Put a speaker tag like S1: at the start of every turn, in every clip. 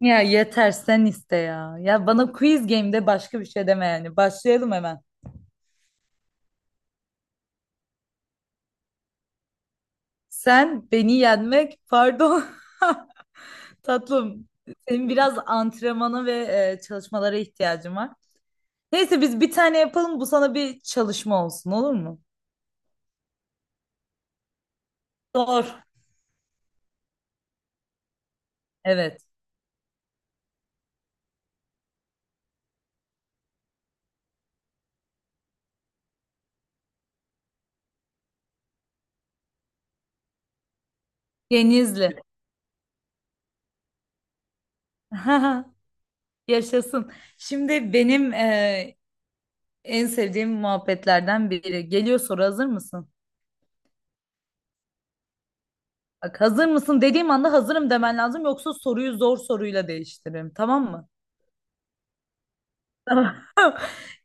S1: Ya yeter sen iste ya. Ya bana quiz game'de başka bir şey deme yani. Başlayalım hemen. Sen beni yenmek, pardon tatlım. Senin biraz antrenmana ve çalışmalara ihtiyacın var. Neyse biz bir tane yapalım. Bu sana bir çalışma olsun olur mu? Doğru. Evet. Denizli. Yaşasın. Şimdi benim en sevdiğim muhabbetlerden biri. Geliyor soru, hazır mısın? Bak hazır mısın dediğim anda hazırım demen lazım, yoksa soruyu zor soruyla değiştiririm, tamam mı? Tamam.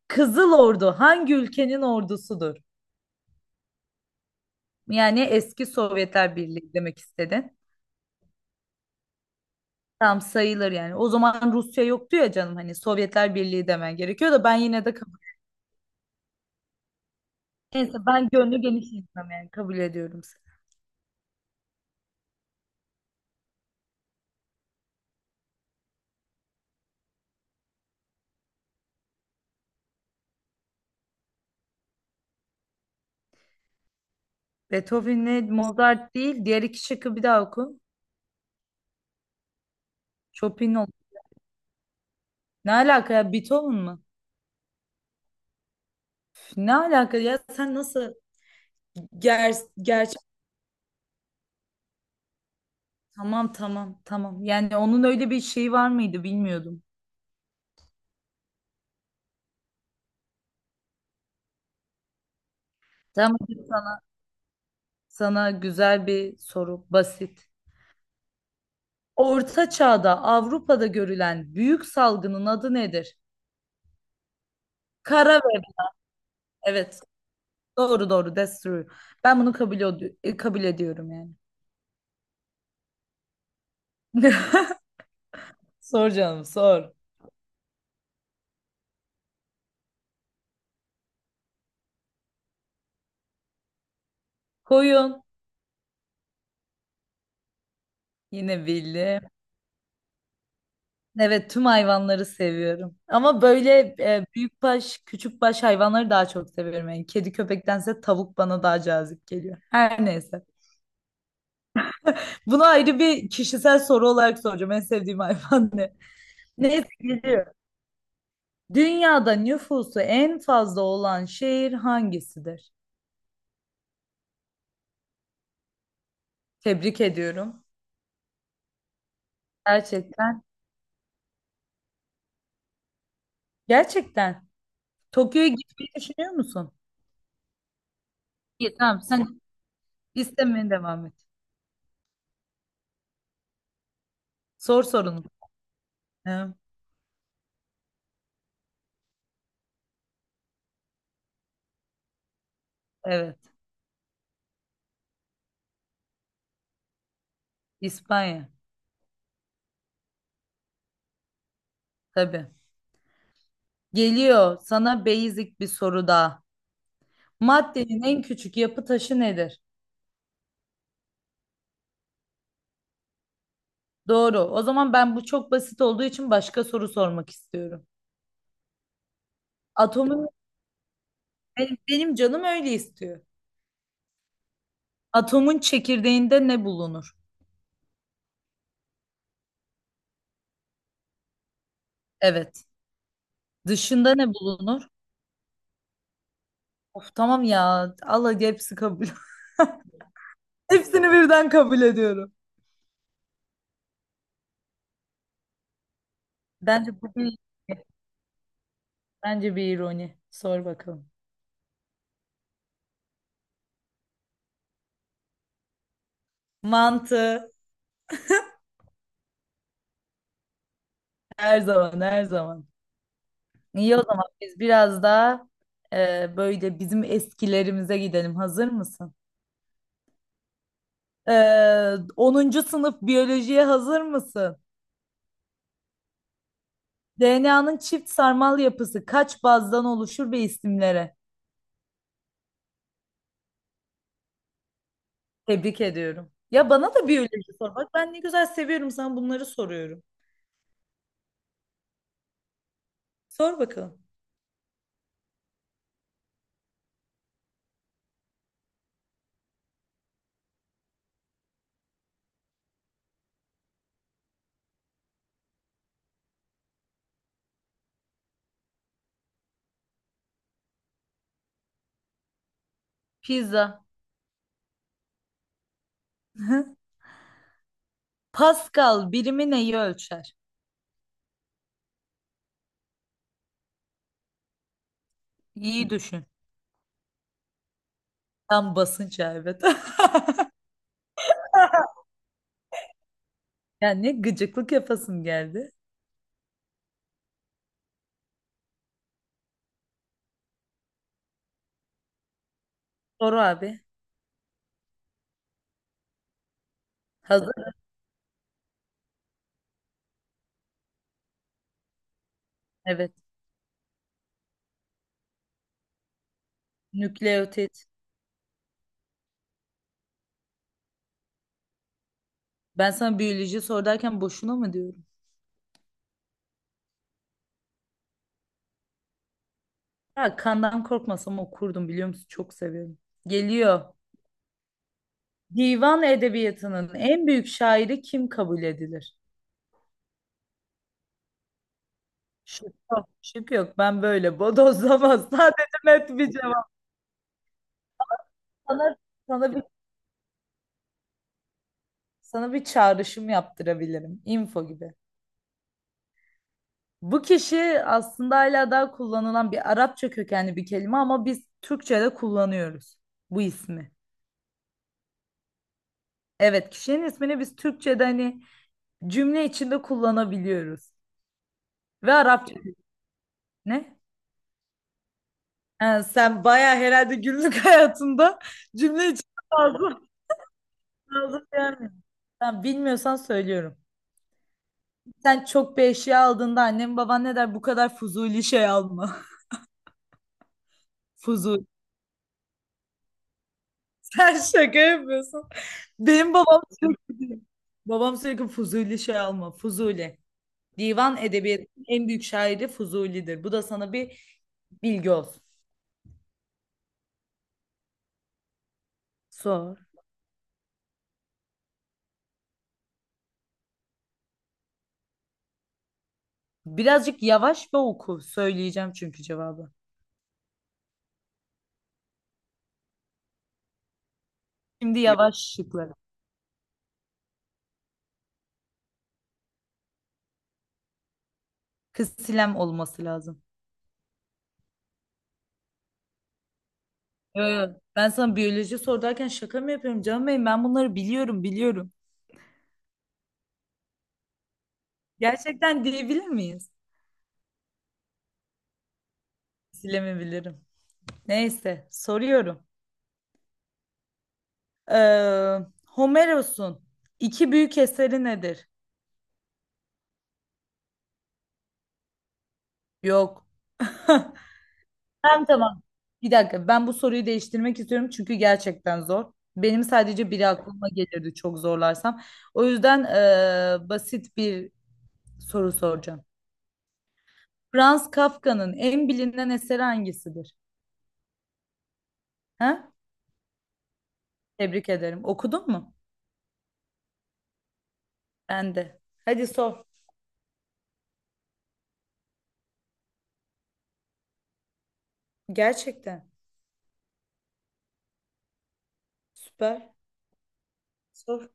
S1: Kızıl Ordu hangi ülkenin ordusudur? Yani eski Sovyetler Birliği demek istedin. Tam sayılır yani. O zaman Rusya yoktu ya canım, hani Sovyetler Birliği demen gerekiyor, da ben yine de kabul. Neyse, ben gönlü geniş insanım, yani kabul ediyorum seni. Beethoven'le Mozart değil, diğer iki şıkkı bir daha oku. Chopin ol. Ne alaka ya, Beethoven mı? Ne alaka ya, sen nasıl ger Tamam, tamam, tamam. Yani onun öyle bir şeyi var mıydı bilmiyordum. Tamam, hadi sana güzel bir soru, basit. Orta Çağ'da Avrupa'da görülen büyük salgının adı nedir? Kara veba. Evet. Doğru doğru. That's true. Ben bunu kabul ediyorum yani. Sor canım, sor. Koyun. Yine bildim. Evet, tüm hayvanları seviyorum. Ama böyle büyük baş, küçük baş hayvanları daha çok seviyorum. Yani kedi köpektense tavuk bana daha cazip geliyor. Her neyse. Bunu ayrı bir kişisel soru olarak soracağım. En sevdiğim hayvan ne? Neyse, geliyor. Dünyada nüfusu en fazla olan şehir hangisidir? Tebrik ediyorum. Gerçekten. Gerçekten. Tokyo'ya gitmeyi düşünüyor musun? İyi, tamam, sen istemeye devam et. Sor sorunu. Hı, Evet. İspanya. Tabii. Geliyor sana basic bir soru daha. Maddenin en küçük yapı taşı nedir? Doğru. O zaman ben bu çok basit olduğu için başka soru sormak istiyorum. Atomun benim canım öyle istiyor. Atomun çekirdeğinde ne bulunur? Evet. Dışında ne bulunur? Of tamam ya. Allah, hepsi kabul. Hepsini birden kabul ediyorum. Bence bu bir, bence bir ironi. Sor bakalım. Mantı her zaman, her zaman. İyi, o zaman biz biraz daha böyle bizim eskilerimize gidelim. Hazır mısın? 10. sınıf biyolojiye hazır mısın? DNA'nın çift sarmal yapısı kaç bazdan oluşur ve isimlere? Tebrik ediyorum. Ya bana da biyoloji sor. Bak, ben ne güzel seviyorum, sana bunları soruyorum. Sor bakalım. Pizza. Pascal birimi neyi ölçer? İyi düşün. Tam basınç, evet. Ya, ne gıcıklık yapasım geldi. Soru abi. Hazır. Evet. Nükleotit. Ben sana biyoloji sor derken boşuna mı diyorum? Ya kandan korkmasam okurdum, biliyor musun? Çok seviyorum. Geliyor. Divan edebiyatının en büyük şairi kim kabul edilir? Şık yok. Şık yok. Ben böyle bodozlamaz. Sadece net bir cevap. Sana, sana bir, sana bir çağrışım yaptırabilirim. Info gibi. Bu kişi aslında hala daha kullanılan bir Arapça kökenli bir kelime ama biz Türkçe'de kullanıyoruz bu ismi. Evet, kişinin ismini biz Türkçe'de hani cümle içinde kullanabiliyoruz. Ve Arapça ne? Ha, sen bayağı herhalde günlük hayatında cümle içinde fazla fazla beğenmiyorsun. Tamam, bilmiyorsan söylüyorum. Sen çok bir eşya aldığında annen baban ne der? Bu kadar fuzuli şey alma. Fuzuli. Sen şaka yapıyorsun. Benim babam sürekli, babam sürekli fuzuli şey alma. Fuzuli. Divan edebiyatının en büyük şairi Fuzuli'dir. Bu da sana bir bilgi olsun. Sor. Birazcık yavaş ve oku. Söyleyeceğim çünkü cevabı. Şimdi yavaş şıkları. Kız silem olması lazım. Yo, yo. Ben sana biyoloji sorarken şaka mı yapıyorum canım benim? Ben bunları biliyorum, biliyorum. Gerçekten diyebilir miyiz? Silemi bilirim. Neyse, soruyorum. Ee, Homeros'un iki büyük eseri nedir? Yok. Tamam, tamam. Bir dakika, ben bu soruyu değiştirmek istiyorum çünkü gerçekten zor. Benim sadece biri aklıma gelirdi çok zorlarsam. O yüzden basit bir soru soracağım. Franz Kafka'nın en bilinen eseri hangisidir? Ha? Tebrik ederim. Okudun mu? Ben de. Hadi sor. Gerçekten. Süper. Sor.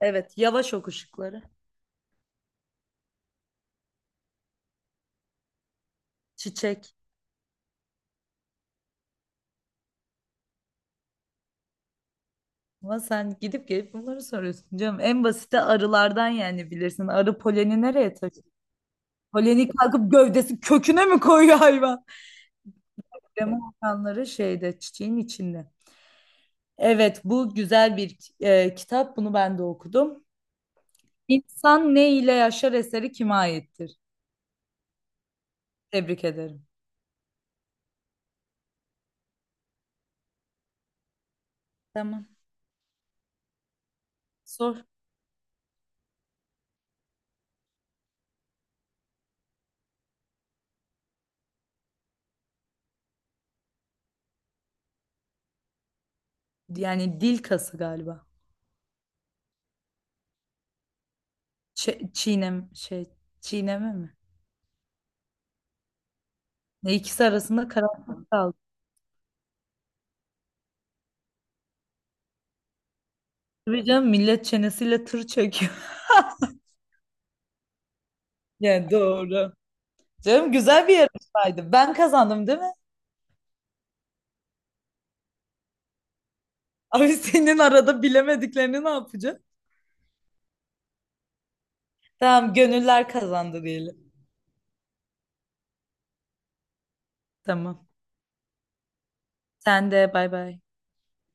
S1: Evet. Yavaş oku ışıkları. Çiçek. Ama sen gidip gelip bunları soruyorsun canım. En basiti arılardan, yani bilirsin. Arı poleni nereye taşıyor? Poleni kalkıp gövdesi köküne mi koyuyor hayvan? Krema atanları şeyde, çiçeğin içinde. Evet, bu güzel bir kitap. Bunu ben de okudum. İnsan ne ile yaşar eseri kime aittir? Tebrik ederim. Tamam. Sor. Yani dil kası galiba. Ç- çiğnem şey çiğneme mi? Ne, ikisi arasında karanlık kaldı. Tabii canım, millet çenesiyle tır çekiyor. Yani doğru. Canım, güzel bir yarışmaydı. Ben kazandım değil mi? Abi, senin arada bilemediklerini ne yapacağım? Tamam, gönüller kazandı diyelim. Tamam. Sen de, bay bay.